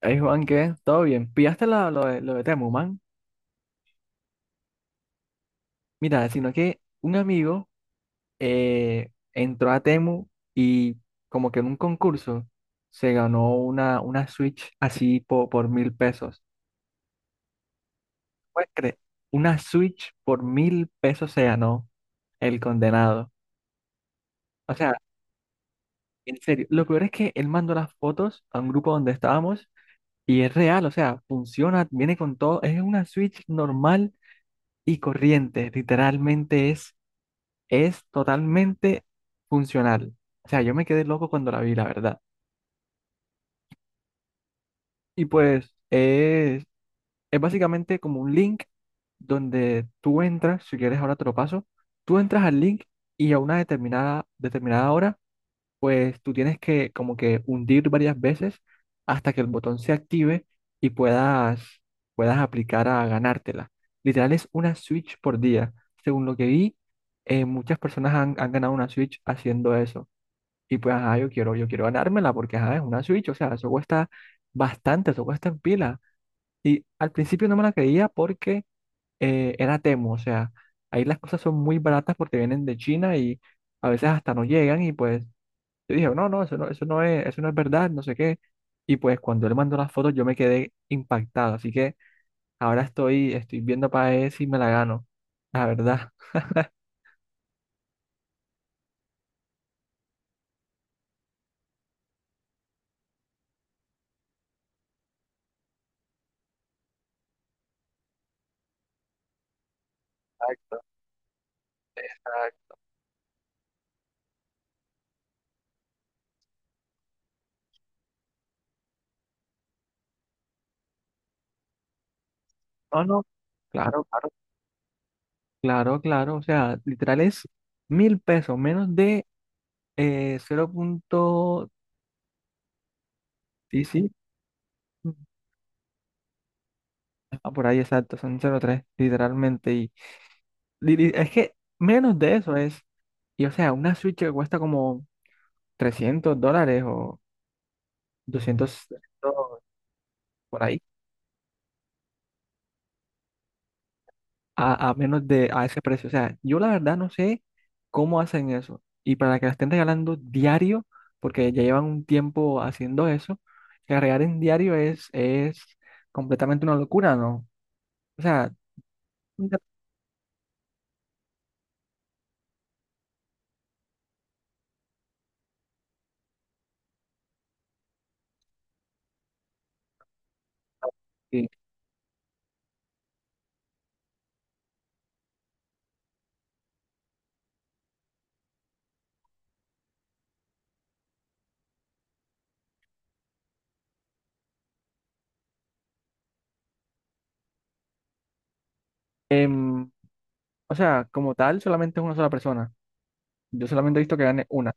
Ay Juan, ¿qué? ¿Todo bien? ¿Pillaste lo de Temu, man? Mira, sino que un amigo entró a Temu y como que en un concurso se ganó una Switch por 1.000 pesos. ¿Puedes creer? Una Switch por 1.000 pesos se ganó el condenado. O sea, en serio, lo peor es que él mandó las fotos a un grupo donde estábamos y es real, o sea, funciona, viene con todo, es una Switch normal y corriente, literalmente es totalmente funcional. O sea, yo me quedé loco cuando la vi, la verdad. Y pues es, es básicamente como un link donde tú entras, si quieres ahora te lo paso, tú entras al link y a una determinada hora, pues tú tienes que como que hundir varias veces hasta que el botón se active y puedas aplicar a ganártela. Literal es una Switch por día. Según lo que vi, muchas personas han ganado una Switch haciendo eso. Y pues, ajá, yo quiero ganármela porque, ajá, es una Switch, o sea, eso cuesta bastante, eso cuesta en pila. Y al principio no me la creía porque era Temu, o sea, ahí las cosas son muy baratas porque vienen de China y a veces hasta no llegan y pues yo dije, no, no, eso no, eso no es verdad, no sé qué. Y pues cuando él mandó las fotos yo me quedé impactado, así que estoy viendo para ver si me la gano, la verdad. Exacto, exacto. No, no, claro, claro. Claro, claro, o sea, literal es 1.000 pesos, menos de 0. Sí, sí, ah, por ahí exacto, son cero punto tres, literalmente. Es que menos de eso es, y o sea, una Switch que cuesta como 300 dólares o 200 por a menos de a ese precio. O sea, yo la verdad no sé cómo hacen eso. Y para que la estén regalando diario, porque ya llevan un tiempo haciendo eso, que la regalen diario es completamente una locura, ¿no? O sea, nunca- sí. Em, o sea, como tal, solamente es una sola persona. Yo solamente he visto que gane una.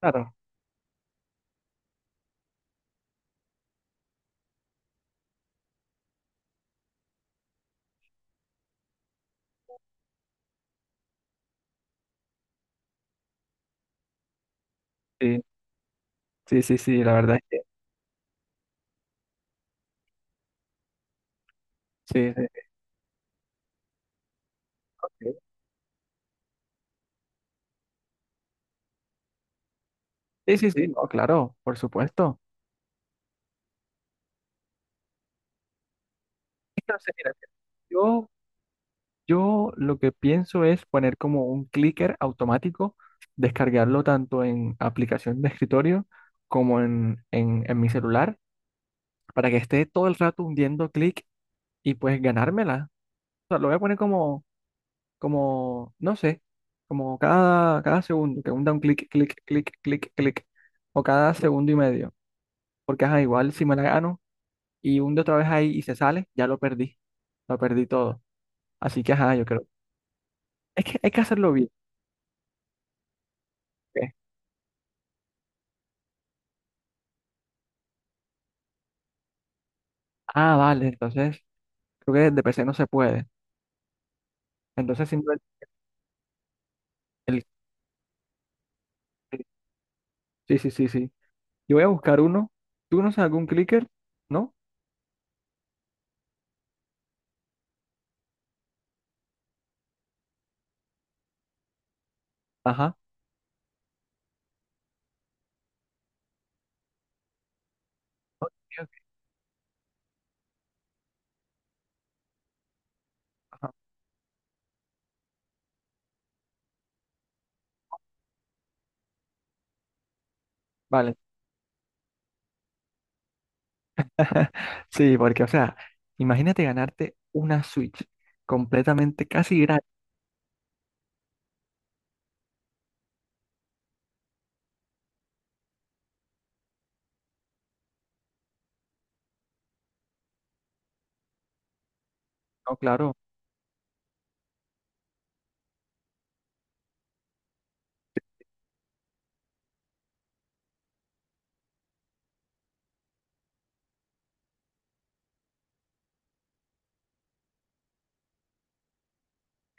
Claro. Sí, sí, sí, sí, la verdad es que sí, sí. Sí, sí, sí, no, claro, por supuesto. Es que no sé, mira, yo. Yo lo que pienso es poner como un clicker automático, descargarlo tanto en aplicación de escritorio como en mi celular, para que esté todo el rato hundiendo clic y pues ganármela. O sea, lo voy a poner como, no sé, como cada segundo, que hunda un clic, clic, o cada segundo y medio. Porque ajá, igual si me la gano y hunde otra vez ahí y se sale, lo perdí todo. Así que ajá, yo creo, es que hay que hacerlo bien. Ah, vale, entonces creo que de PC no se puede. Entonces simplemente el... Sí, sí, sí, sí. Yo voy a buscar uno. ¿Tú no sabes algún clicker? ¿No? Ajá. Ok, ok, ajá. Vale. Sí, porque, o sea, imagínate ganarte una Switch completamente casi gratis. No, claro.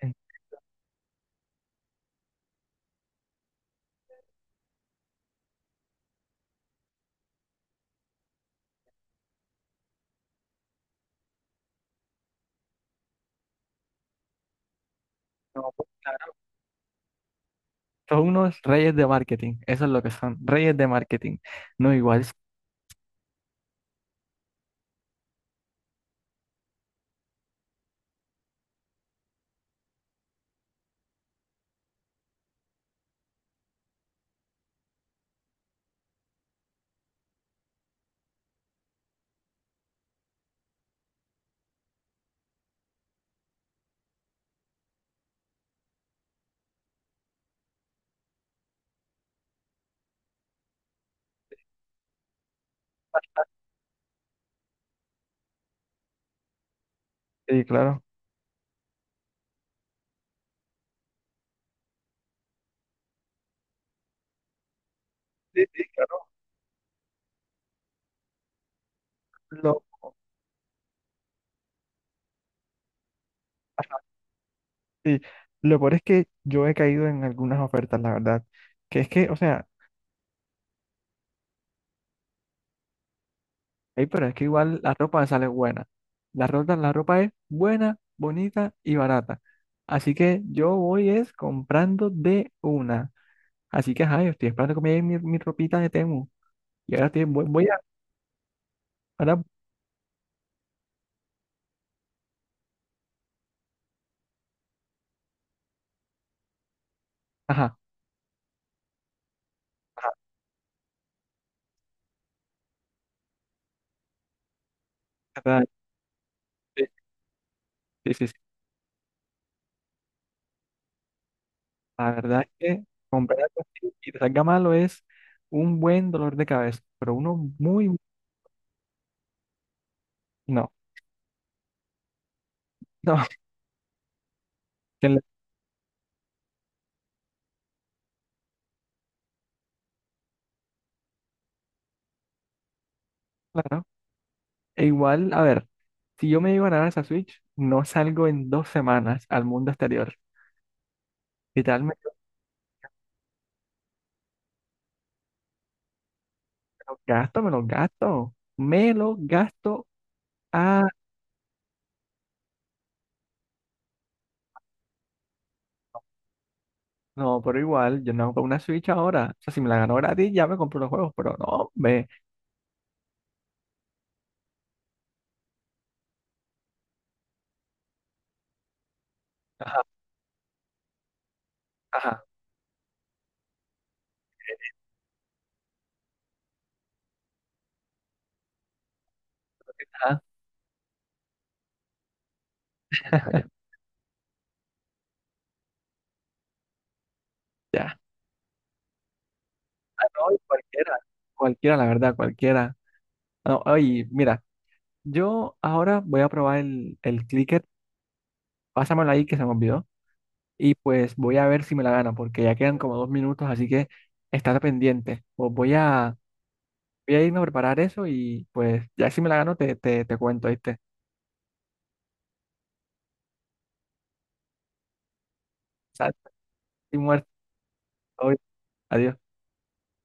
eh, No, pues, claro. Son unos reyes de marketing. Eso es lo que son. Reyes de marketing. No, igual. Sí, claro. Sí, sí, claro. Lo- Sí, lo peor es que yo he caído en algunas ofertas, la verdad. Que es que, o sea, ey, pero es que igual la ropa sale buena. La ropa es buena, bonita y barata. Así que yo voy es comprando de una. Así que, ajá, yo estoy esperando que me llegue mi ropita de Temu. Voy a, ahora, ajá, ajá, ¿verdad? Sí, sí, sí, sí. La verdad es que comprar algo así y te salga malo es un buen dolor de cabeza, pero uno muy, no, no, que le- claro. E igual, a ver. Si yo me llego a ganar esa Switch, no salgo en 2 semanas al mundo exterior. Y tal, me me lo gasto. Me lo gasto. Ah, no, pero igual, yo no compro una Switch ahora. O sea, si me la gano gratis, ya me compro los juegos, pero no, me. Ajá, ajá, ajá. Ya. Ah, no, y cualquiera. Cualquiera, la verdad, cualquiera. No, oye, mira, yo ahora voy a probar el clicker. Pásamelo ahí que se me olvidó. Y pues voy a ver si me la gano, porque ya quedan como 2 minutos, así que estate pendiente. Pues voy a. Voy a irme a preparar eso y pues ya si me la gano te cuento, ¿viste? O sea, estoy muerto hoy. Adiós.